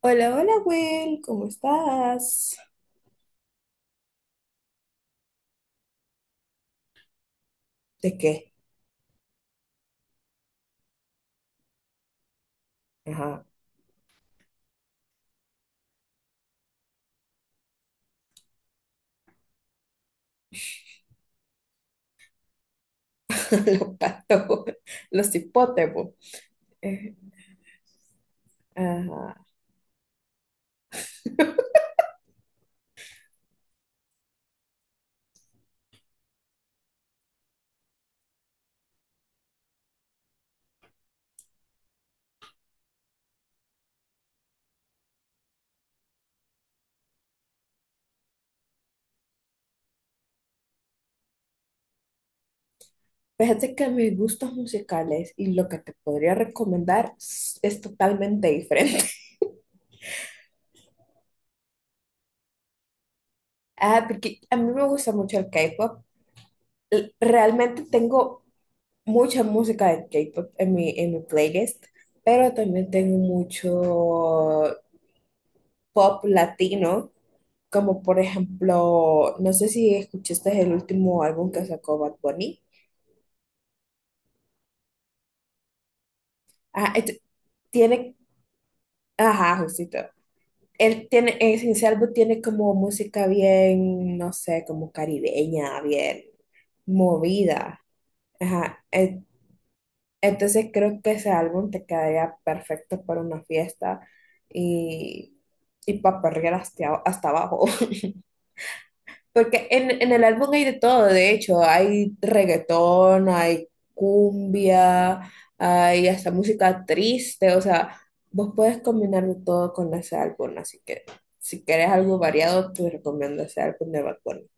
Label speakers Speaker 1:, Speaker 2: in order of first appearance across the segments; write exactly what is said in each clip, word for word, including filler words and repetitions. Speaker 1: Hola, hola, Will, ¿cómo estás? ¿De qué? Ajá. Los patos, los hipótemos. Eh, ajá. Fíjate que mis gustos musicales y lo que te podría recomendar es, es totalmente diferente. Ah, porque a mí me gusta mucho el K-pop. L- Realmente tengo mucha música de K-pop en mi, en mi playlist, pero también tengo mucho pop latino. Como por ejemplo, no sé si escuchaste el último álbum que sacó Bad Bunny. Ah, este- tiene, ajá, justito. Él tiene, en ese álbum tiene como música bien, no sé, como caribeña, bien movida. Ajá. en- Entonces creo que ese álbum te quedaría perfecto para una fiesta y, y para perrear hasta, hasta abajo. Porque en, en el álbum hay de todo, de hecho, hay reggaetón, hay cumbia, hay hasta música triste, o sea, vos puedes combinarlo todo con ese álbum, así que si querés algo variado, te recomiendo ese álbum de Bad Bunny.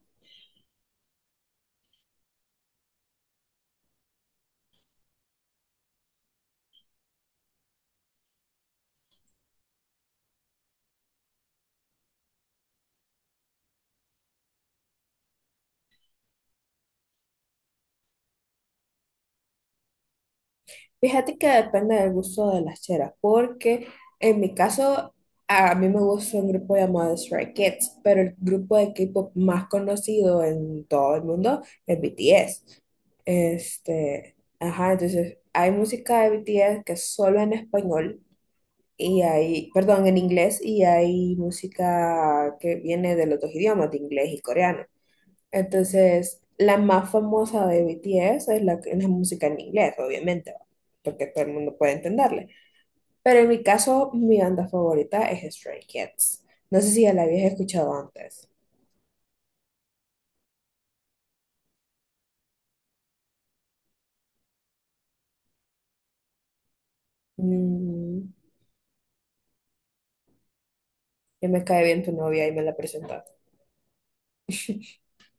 Speaker 1: Fíjate que depende del gusto de las cheras, porque en mi caso, a mí me gusta un grupo llamado Stray Kids, pero el grupo de K-pop más conocido en todo el mundo es B T S. Este, ajá, entonces hay música de B T S que es solo en español y hay, perdón, en inglés y hay música que viene de los dos idiomas, de inglés y coreano. Entonces, la más famosa de B T S es la, que- la música en inglés, obviamente, ¿va? Porque todo el mundo puede entenderle. Pero en mi caso, mi banda favorita es Stray Kids. No sé si ya la habías escuchado antes. Mm, ya me cae bien tu novia y me la presentaste.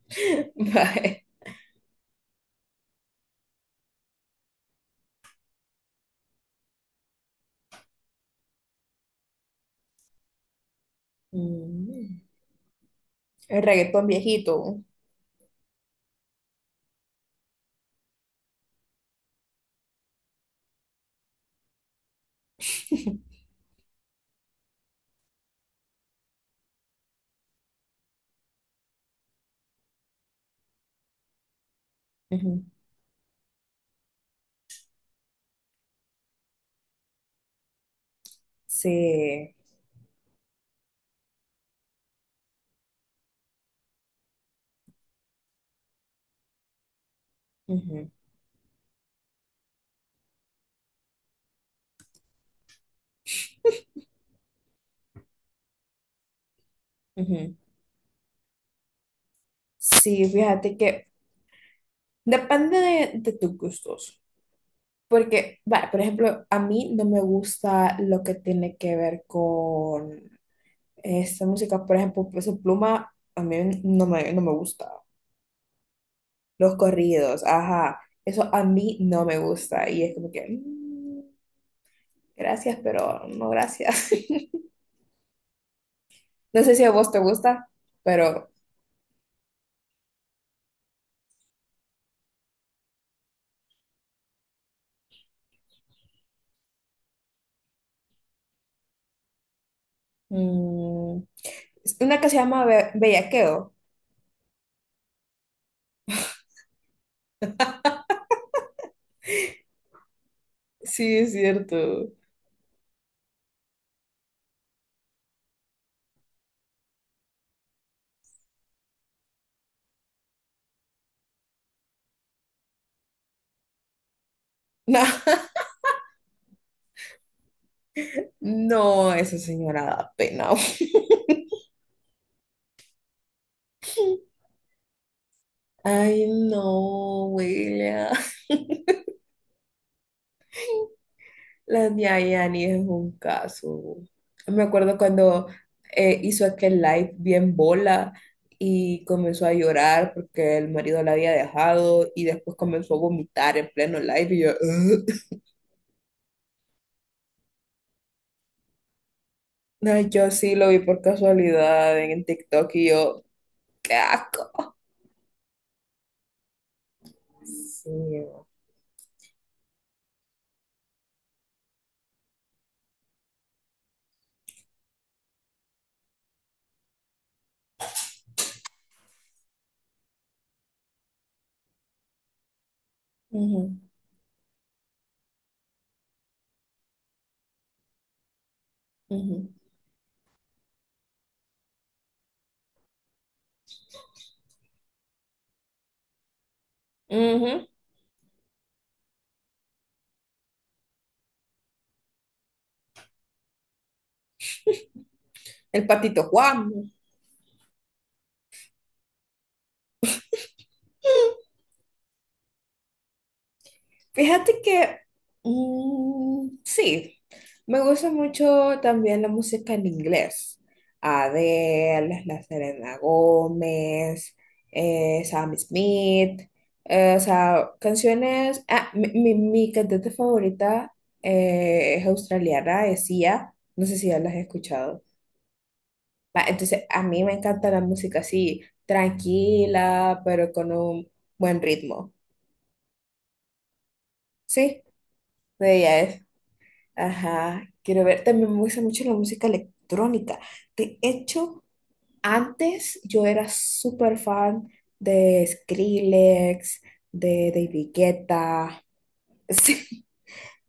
Speaker 1: Bye. Mm, el reggaetón viejito. Ujú. Sí. Ujú, ujú. Sí, fíjate que depende de, de tus gustos. Porque, vale por ejemplo, a mí no me gusta lo que tiene que ver con esta música. Por ejemplo, Peso Pluma, a mí no me, no me gusta. Los corridos, ajá. Eso a mí no me gusta. Y es como que, mm, gracias, pero no gracias. No sé si a vos te gusta, pero... mm, es una que se llama Be- Bellaqueo. Sí, es cierto. No, no, esa señora da pena. Ay, no, William. La Nia Yani es un caso. Me acuerdo cuando eh, hizo aquel live bien bola y comenzó a llorar porque el marido la había dejado y después comenzó a vomitar en pleno live y yo, "Ugh". No, yo sí lo vi por casualidad en TikTok y yo, qué asco. Sí. Ujú, ujú, ujú. El patito Juan. Fíjate que mm, sí, me gusta mucho también la música en inglés. Adele, la Selena Gómez, eh, Sam Smith, eh, o sea, canciones. Ah, mi, mi- mi cantante favorita eh, es australiana, es Sia. No sé si ya las has escuchado. Va, entonces, a mí me encanta la música así, tranquila, pero con un buen ritmo. Sí, de ella. Ajá, quiero ver. También me gusta mucho la música electrónica. De hecho, antes yo era súper fan de Skrillex, de David Guetta, sí,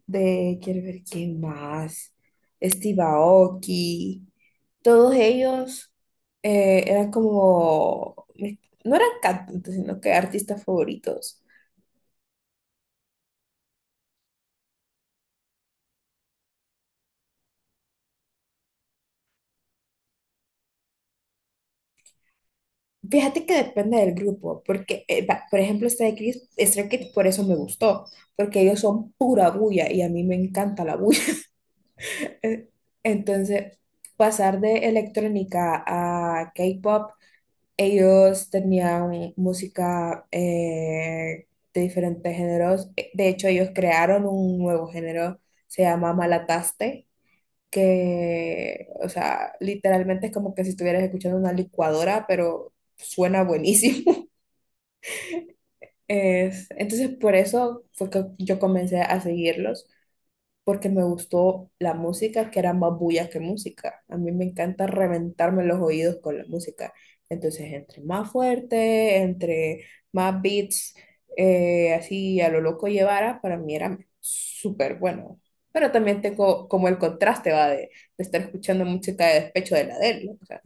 Speaker 1: de, quiero ver quién más, Steve Aoki. Todos ellos eh, eran como, mis- no eran cantantes, sino que artistas favoritos. Fíjate que depende del grupo, porque, eh, va, por ejemplo, este de Chris, Stray Kids, por eso me gustó, porque ellos son pura bulla y a mí me encanta la bulla. Eh, Entonces, pasar de electrónica a K-pop, ellos tenían música eh, de diferentes géneros. Eh, De hecho, ellos crearon un nuevo género, se llama Malataste, que, o sea, literalmente es como que si estuvieras escuchando una licuadora, pero suena buenísimo. Es- entonces, por eso fue que yo comencé a seguirlos, porque me gustó la música, que era más bulla que música. A mí me encanta reventarme los oídos con la música. Entonces, entre más fuerte, entre más beats, eh, así a lo loco llevara, para mí era súper bueno. Pero también tengo como el contraste, va, de, de estar escuchando música de despecho de la Adele, ¿no? O sea,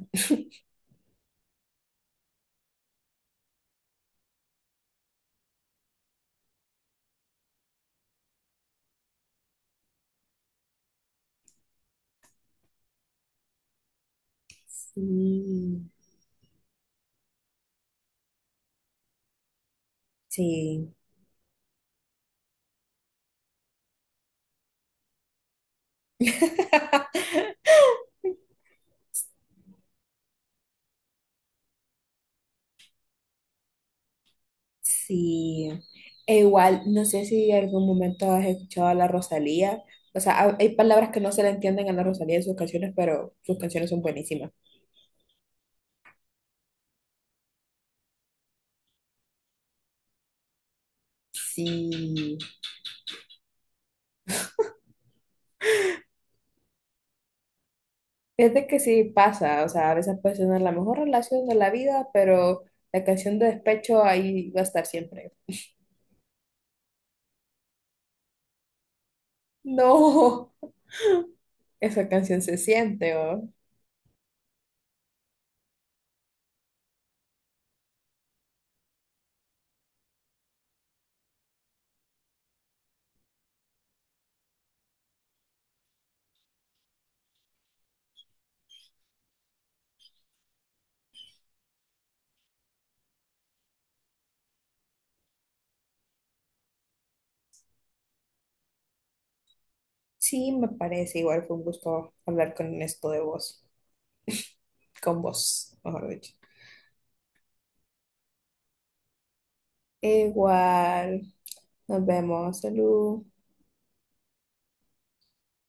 Speaker 1: sí, sí. Sí, e igual, no sé si en algún momento has escuchado a la Rosalía. O sea, ha- hay palabras que no se le entienden a la Rosalía en sus canciones, pero sus canciones son buenísimas. Sí, fíjate que sí pasa, o sea, a veces puede tener la mejor relación de la vida, pero la canción de despecho ahí va a estar siempre. No, esa canción se siente, ¿o? Sí, me parece, igual fue un gusto hablar con esto de vos, con vos, mejor dicho. Igual, nos vemos, salud.